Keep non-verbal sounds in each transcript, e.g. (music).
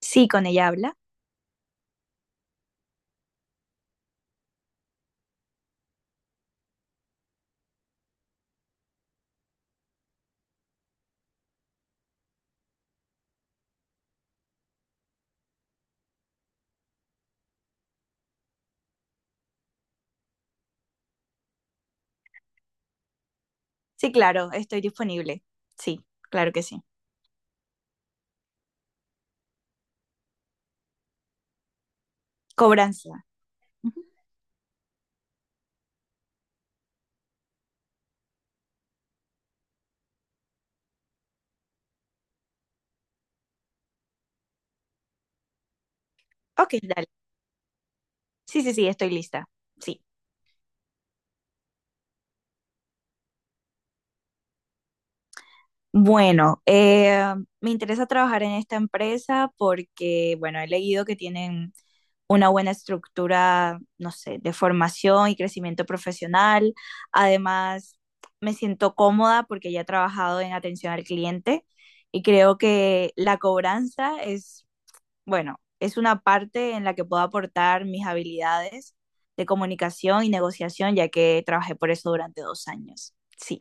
Sí, con ella habla. Sí, claro, estoy disponible. Sí, claro que sí. Cobranza. Ujú. Ok, dale. Sí, sí, sí, estoy lista. Sí. Bueno, me interesa trabajar en esta empresa porque, bueno, he leído que tienen una buena estructura, no sé, de formación y crecimiento profesional. Además, me siento cómoda porque ya he trabajado en atención al cliente y creo que la cobranza es. Bueno, es una parte en la que puedo aportar mis habilidades de comunicación y negociación, ya que trabajé por eso durante 2 años. Sí,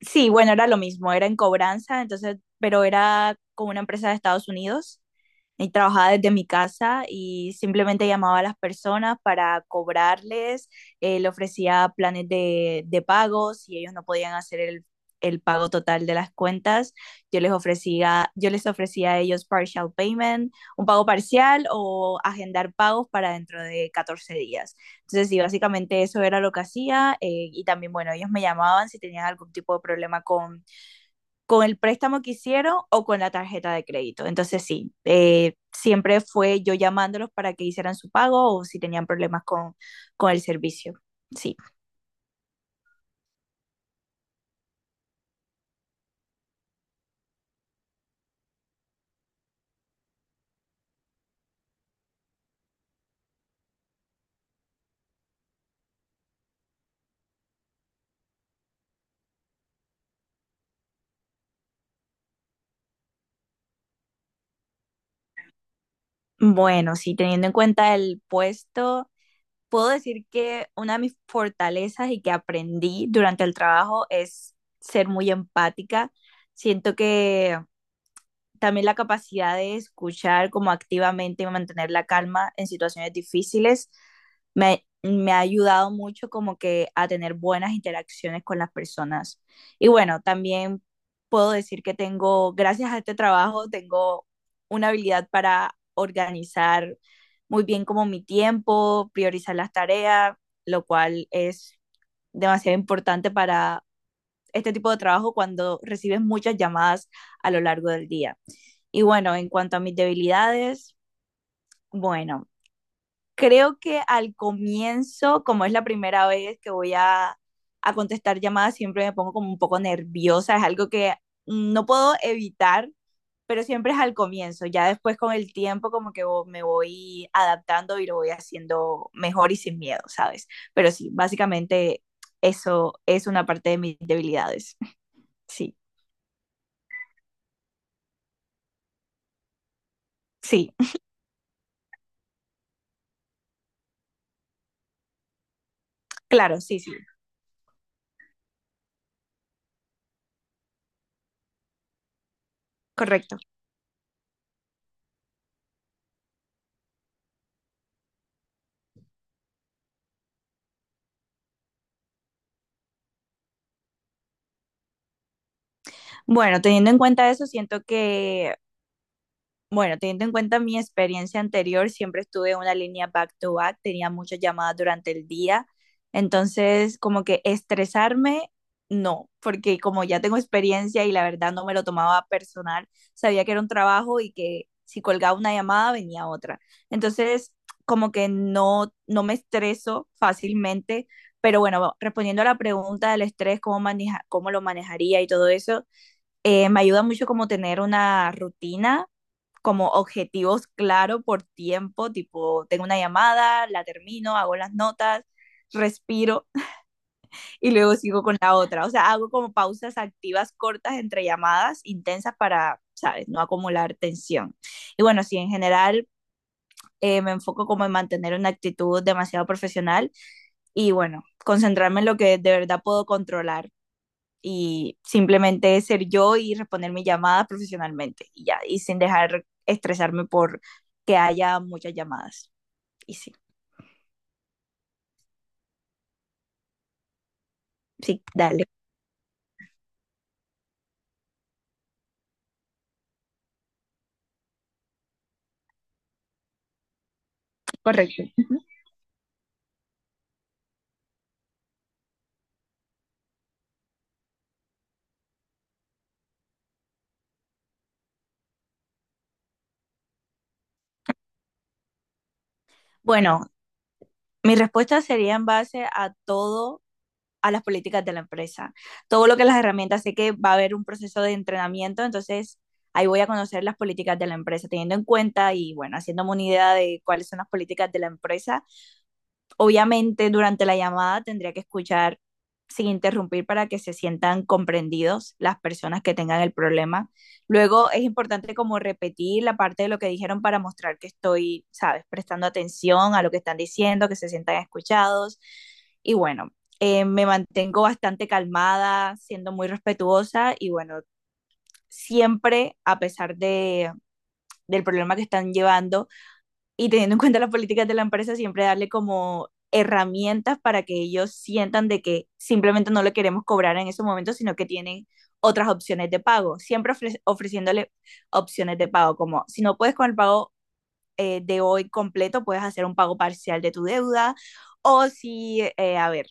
sí, bueno, era lo mismo, era en cobranza, entonces, pero era con una empresa de Estados Unidos y trabajaba desde mi casa y simplemente llamaba a las personas para cobrarles, le ofrecía planes de pago, si ellos no podían hacer el pago total de las cuentas, yo les ofrecía a ellos partial payment, un pago parcial o agendar pagos para dentro de 14 días. Entonces, sí, básicamente eso era lo que hacía y también, bueno, ellos me llamaban si tenían algún tipo de problema con el préstamo que hicieron o con la tarjeta de crédito. Entonces sí, siempre fue yo llamándolos para que hicieran su pago o si tenían problemas con el servicio. Sí, bueno, sí, teniendo en cuenta el puesto, puedo decir que una de mis fortalezas y que aprendí durante el trabajo es ser muy empática. Siento que también la capacidad de escuchar como activamente y mantener la calma en situaciones difíciles me ha ayudado mucho como que a tener buenas interacciones con las personas. Y bueno, también puedo decir que tengo, gracias a este trabajo, tengo una habilidad para organizar muy bien como mi tiempo, priorizar las tareas, lo cual es demasiado importante para este tipo de trabajo cuando recibes muchas llamadas a lo largo del día. Y bueno, en cuanto a mis debilidades, bueno, creo que al comienzo, como es la primera vez que voy a contestar llamadas, siempre me pongo como un poco nerviosa, es algo que no puedo evitar, pero siempre es al comienzo, ya después con el tiempo como que me voy adaptando y lo voy haciendo mejor y sin miedo, ¿sabes? Pero sí, básicamente eso es una parte de mis debilidades. (laughs) Sí, sí. Claro, sí, sí, correcto. Bueno, teniendo en cuenta eso, siento que. Bueno, teniendo en cuenta mi experiencia anterior, siempre estuve en una línea back to back, tenía muchas llamadas durante el día, entonces como que estresarme, no, porque como ya tengo experiencia y la verdad no me lo tomaba personal, sabía que era un trabajo y que si colgaba una llamada venía otra. Entonces como que no, no me estreso fácilmente, pero bueno, respondiendo a la pregunta del estrés, cómo lo manejaría y todo eso, me ayuda mucho como tener una rutina como objetivos claro por tiempo, tipo, tengo una llamada, la termino, hago las notas, respiro (laughs) y luego sigo con la otra. O sea, hago como pausas activas cortas entre llamadas intensas para, ¿sabes?, no acumular tensión. Y bueno, sí, en general me enfoco como en mantener una actitud demasiado profesional y bueno, concentrarme en lo que de verdad puedo controlar y simplemente ser yo y responder mi llamada profesionalmente y ya, y sin dejar estresarme por que haya muchas llamadas. Y sí, sí, dale, correcto. Bueno, mi respuesta sería en base a todo a las políticas de la empresa. Todo lo que las herramientas, sé que va a haber un proceso de entrenamiento, entonces ahí voy a conocer las políticas de la empresa, teniendo en cuenta y bueno, haciéndome una idea de cuáles son las políticas de la empresa. Obviamente durante la llamada tendría que escuchar sin interrumpir para que se sientan comprendidos las personas que tengan el problema. Luego es importante como repetir la parte de lo que dijeron para mostrar que estoy, sabes, prestando atención a lo que están diciendo, que se sientan escuchados. Y bueno, me mantengo bastante calmada, siendo muy respetuosa y bueno, siempre, a pesar de, del problema que están llevando, y teniendo en cuenta las políticas de la empresa, siempre darle como herramientas para que ellos sientan de que simplemente no le queremos cobrar en ese momento, sino que tienen otras opciones de pago, siempre ofreciéndole opciones de pago, como si no puedes con el pago de hoy completo, puedes hacer un pago parcial de tu deuda, o si, a ver,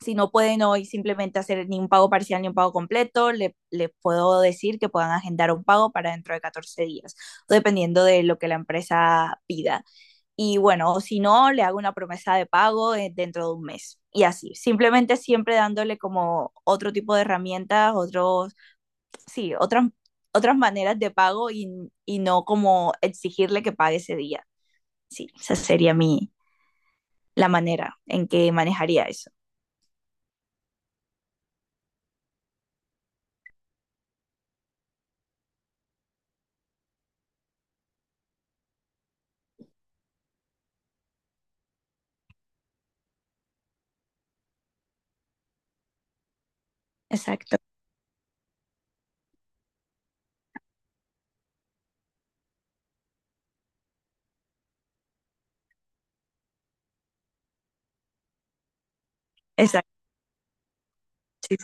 si no pueden hoy simplemente hacer ni un pago parcial ni un pago completo, les le puedo decir que puedan agendar un pago para dentro de 14 días, dependiendo de lo que la empresa pida. Y bueno, o si no, le hago una promesa de pago dentro de un mes. Y así, simplemente siempre dándole como otro tipo de herramientas, otros, sí, otras, otras maneras de pago y no como exigirle que pague ese día. Sí, esa sería mi, la manera en que manejaría eso. Exacto, exacto. Sí.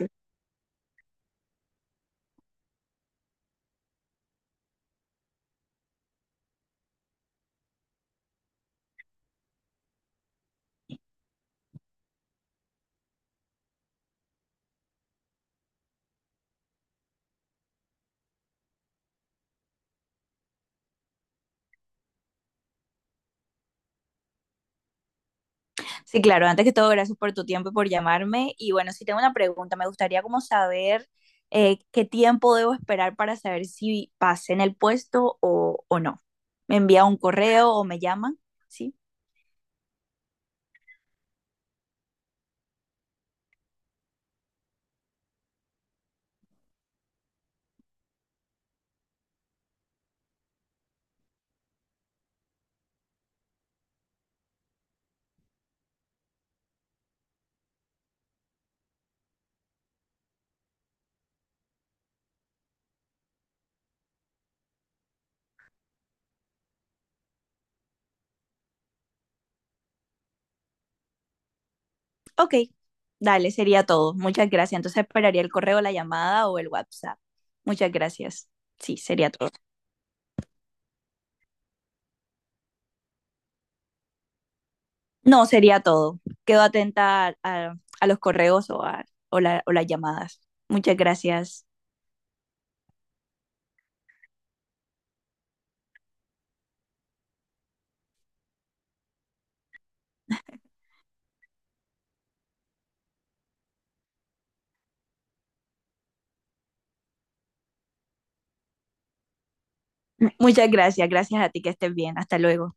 Sí, claro, antes que todo, gracias por tu tiempo y por llamarme. Y bueno, si tengo una pregunta, me gustaría como saber qué tiempo debo esperar para saber si pasé en el puesto o no. ¿Me envía un correo o me llaman? Sí. Ok, dale, sería todo. Muchas gracias. Entonces esperaría el correo, la llamada o el WhatsApp. Muchas gracias. Sí, sería todo. No, sería todo. Quedo atenta a los correos o, a, o la- o las llamadas. Muchas gracias. (clears throat) Muchas gracias. Gracias a ti que estés bien. Hasta luego.